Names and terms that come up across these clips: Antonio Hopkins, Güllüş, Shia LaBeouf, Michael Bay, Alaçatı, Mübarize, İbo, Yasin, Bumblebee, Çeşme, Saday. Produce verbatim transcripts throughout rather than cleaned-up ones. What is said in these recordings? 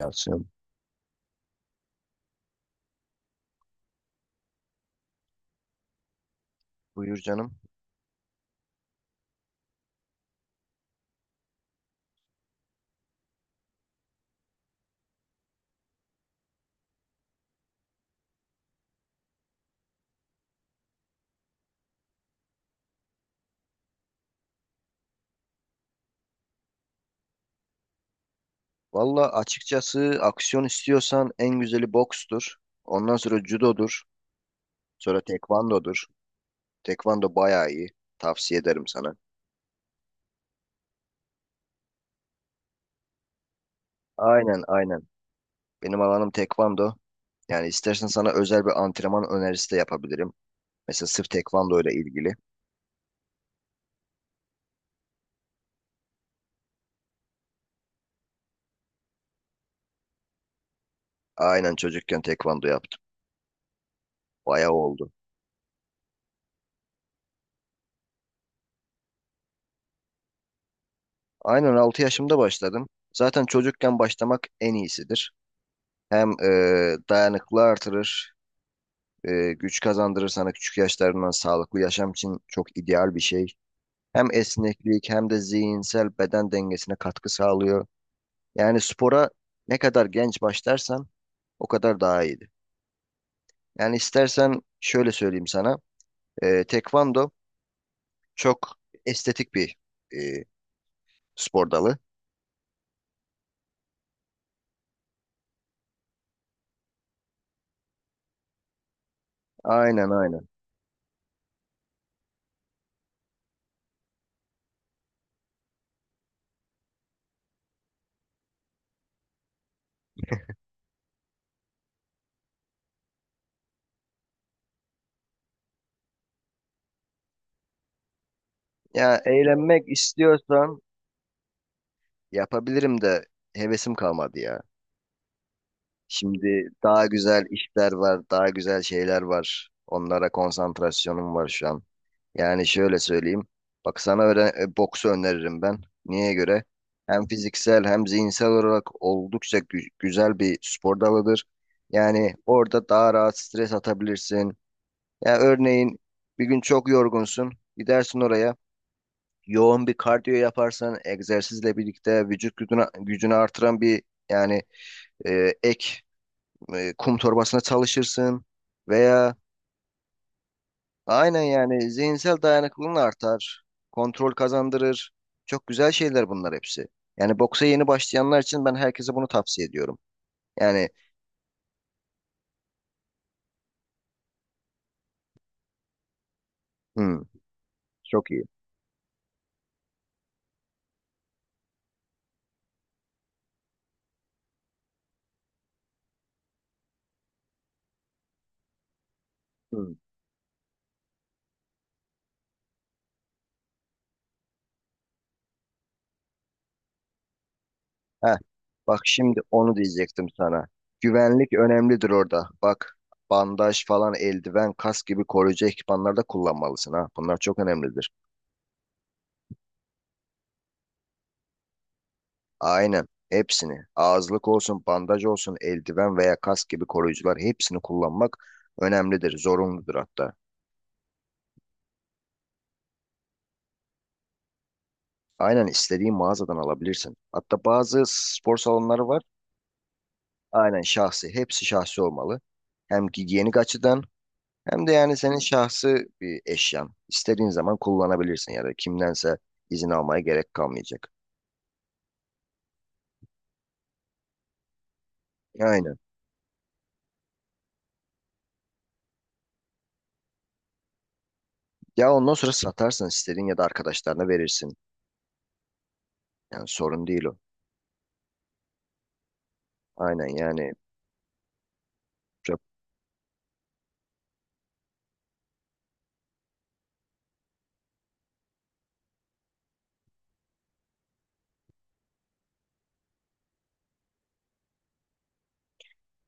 Yasin. Buyur canım. Valla açıkçası aksiyon istiyorsan en güzeli bokstur. Ondan sonra judodur. Sonra tekvandodur. Tekvando bayağı iyi. Tavsiye ederim sana. Aynen aynen. Benim alanım tekvando. Yani istersen sana özel bir antrenman önerisi de yapabilirim. Mesela sırf tekvando ile ilgili. Aynen çocukken tekvando yaptım. Bayağı oldu. Aynen altı yaşımda başladım. Zaten çocukken başlamak en iyisidir. Hem eee dayanıklı artırır. E, güç kazandırır sana küçük yaşlarından sağlıklı yaşam için çok ideal bir şey. Hem esneklik hem de zihinsel beden dengesine katkı sağlıyor. Yani spora ne kadar genç başlarsan o kadar daha iyiydi. Yani istersen şöyle söyleyeyim sana. E, tekvando çok estetik bir e, spor dalı. Aynen aynen. Ya eğlenmek istiyorsan yapabilirim de hevesim kalmadı ya. Şimdi daha güzel işler var, daha güzel şeyler var. Onlara konsantrasyonum var şu an. Yani şöyle söyleyeyim. Bak sana öyle e, boksu öneririm ben. Niye göre? Hem fiziksel hem zihinsel olarak oldukça gü- güzel bir spor dalıdır. Yani orada daha rahat stres atabilirsin. Ya örneğin bir gün çok yorgunsun. Gidersin oraya. Yoğun bir kardiyo yaparsan egzersizle birlikte vücut gücünü, gücünü artıran bir yani e, ek e, kum torbasına çalışırsın veya aynen yani zihinsel dayanıklılığın artar, kontrol kazandırır. Çok güzel şeyler bunlar hepsi. Yani boksa yeni başlayanlar için ben herkese bunu tavsiye ediyorum. Yani hmm, çok iyi. Hmm. Heh, bak şimdi onu diyecektim sana. Güvenlik önemlidir orada. Bak bandaj falan, eldiven, kask gibi koruyucu ekipmanlar da kullanmalısın ha. Bunlar çok önemlidir. Aynen. Hepsini. Ağızlık olsun, bandaj olsun, eldiven veya kask gibi koruyucular hepsini kullanmak önemlidir, zorunludur hatta. Aynen istediğin mağazadan alabilirsin. Hatta bazı spor salonları var. Aynen şahsi. Hepsi şahsi olmalı. Hem giyenik açıdan hem de yani senin şahsi bir eşyan. İstediğin zaman kullanabilirsin ya da kimdense izin almaya gerek kalmayacak. Aynen. Ya ondan sonra satarsın istediğin ya da arkadaşlarına verirsin. Yani sorun değil o. Aynen yani.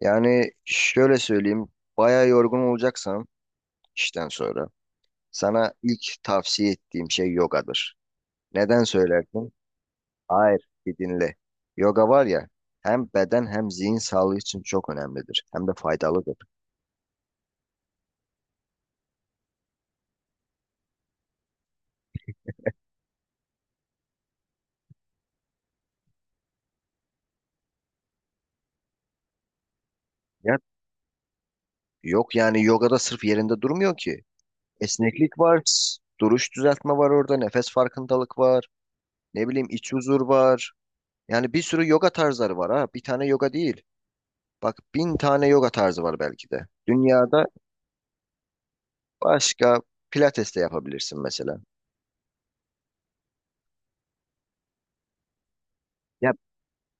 Yani şöyle söyleyeyim, bayağı yorgun olacaksan işten sonra sana ilk tavsiye ettiğim şey yogadır. Neden söylersin? Hayır, bir dinle. Yoga var ya, hem beden hem zihin sağlığı için çok önemlidir. Hem de faydalıdır. Ya, yok yani yogada sırf yerinde durmuyor ki. Esneklik var, s- duruş düzeltme var orada, nefes farkındalık var, ne bileyim iç huzur var. Yani bir sürü yoga tarzları var ha, bir tane yoga değil. Bak bin tane yoga tarzı var belki de. Dünyada. Başka pilates de yapabilirsin mesela. Ya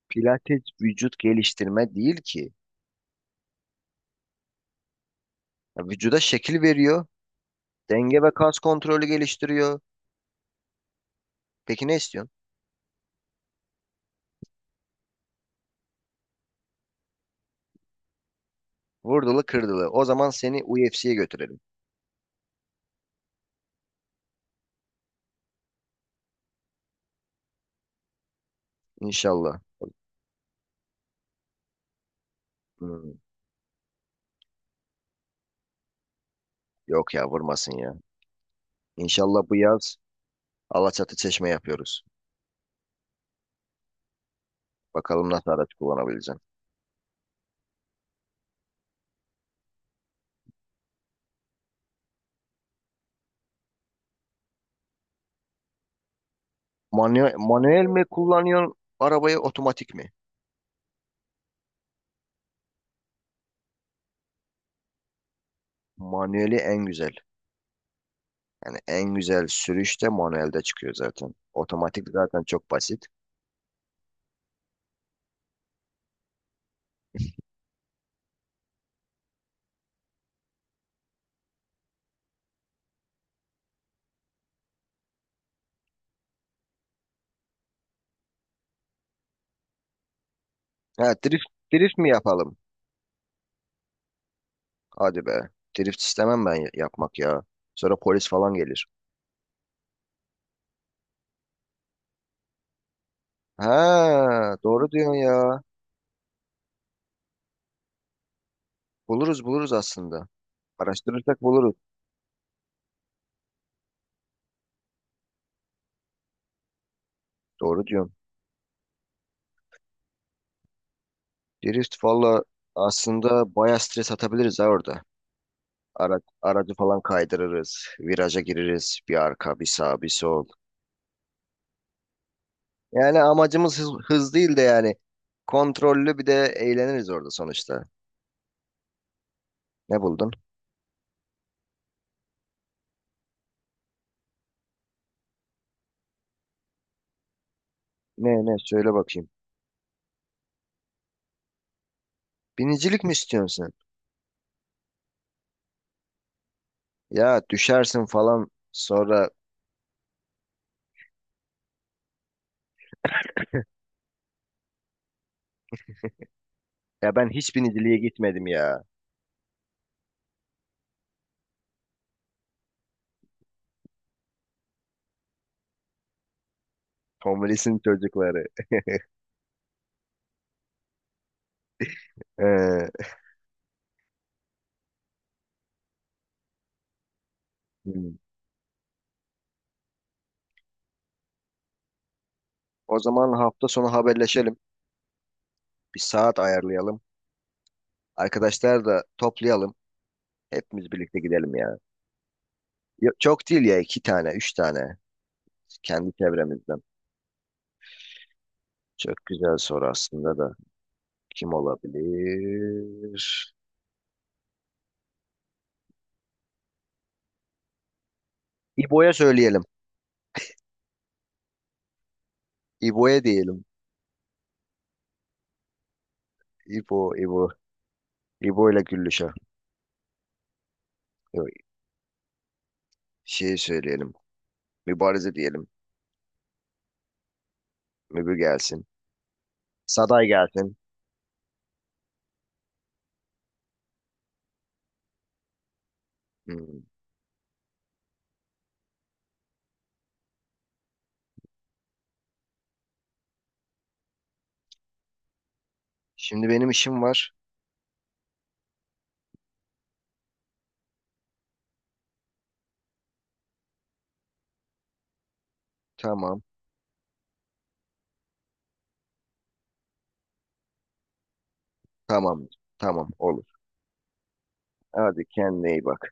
pilates vücut geliştirme değil ki. Ya vücuda şekil veriyor. Denge ve kas kontrolü geliştiriyor. Peki ne istiyorsun? Vurdulu kırdılı. O zaman seni U F C'ye götürelim. İnşallah. Hmm, Yok ya vurmasın ya. İnşallah bu yaz Alaçatı Çeşme yapıyoruz. Bakalım nasıl araç kullanabileceğim. Manuel, manuel mi kullanıyorsun arabayı otomatik mi? Manueli en güzel. Yani en güzel sürüş de manuelde çıkıyor zaten. Otomatik zaten çok basit. Ha, drift, drift mi yapalım? Hadi be. Drift istemem ben ya- yapmak ya. Sonra polis falan gelir. Ha, doğru diyorsun ya. Buluruz buluruz aslında. Araştırırsak buluruz. Doğru diyorsun. Drift valla aslında baya stres atabiliriz ha orada. Ara, aracı falan kaydırırız. Viraja gireriz. Bir arka, bir sağ, bir sol. Yani amacımız hız, hız değil de yani kontrollü bir de eğleniriz orada sonuçta. Ne buldun? Ne ne söyle bakayım. Binicilik mi istiyorsun? Ya düşersin falan sonra. Ya ben hiç biniciliğe gitmedim ya. Tom çocukları. Ee, hmm. O zaman hafta sonu haberleşelim. Bir saat ayarlayalım. Arkadaşlar da toplayalım. Hepimiz birlikte gidelim ya. Ya- Çok değil ya iki tane, üç tane. Kendi çevremizden. Çok güzel soru aslında da. Kim olabilir? İbo'ya söyleyelim. İbo'ya diyelim. İbo, İbo. İbo ile Güllüş'e. Yok, şey söyleyelim. Mübarize diyelim. Mübü gelsin. Saday gelsin. Hmm. Şimdi benim işim var. Tamam. Tamam. Tamam. Olur. Hadi kendine iyi bak.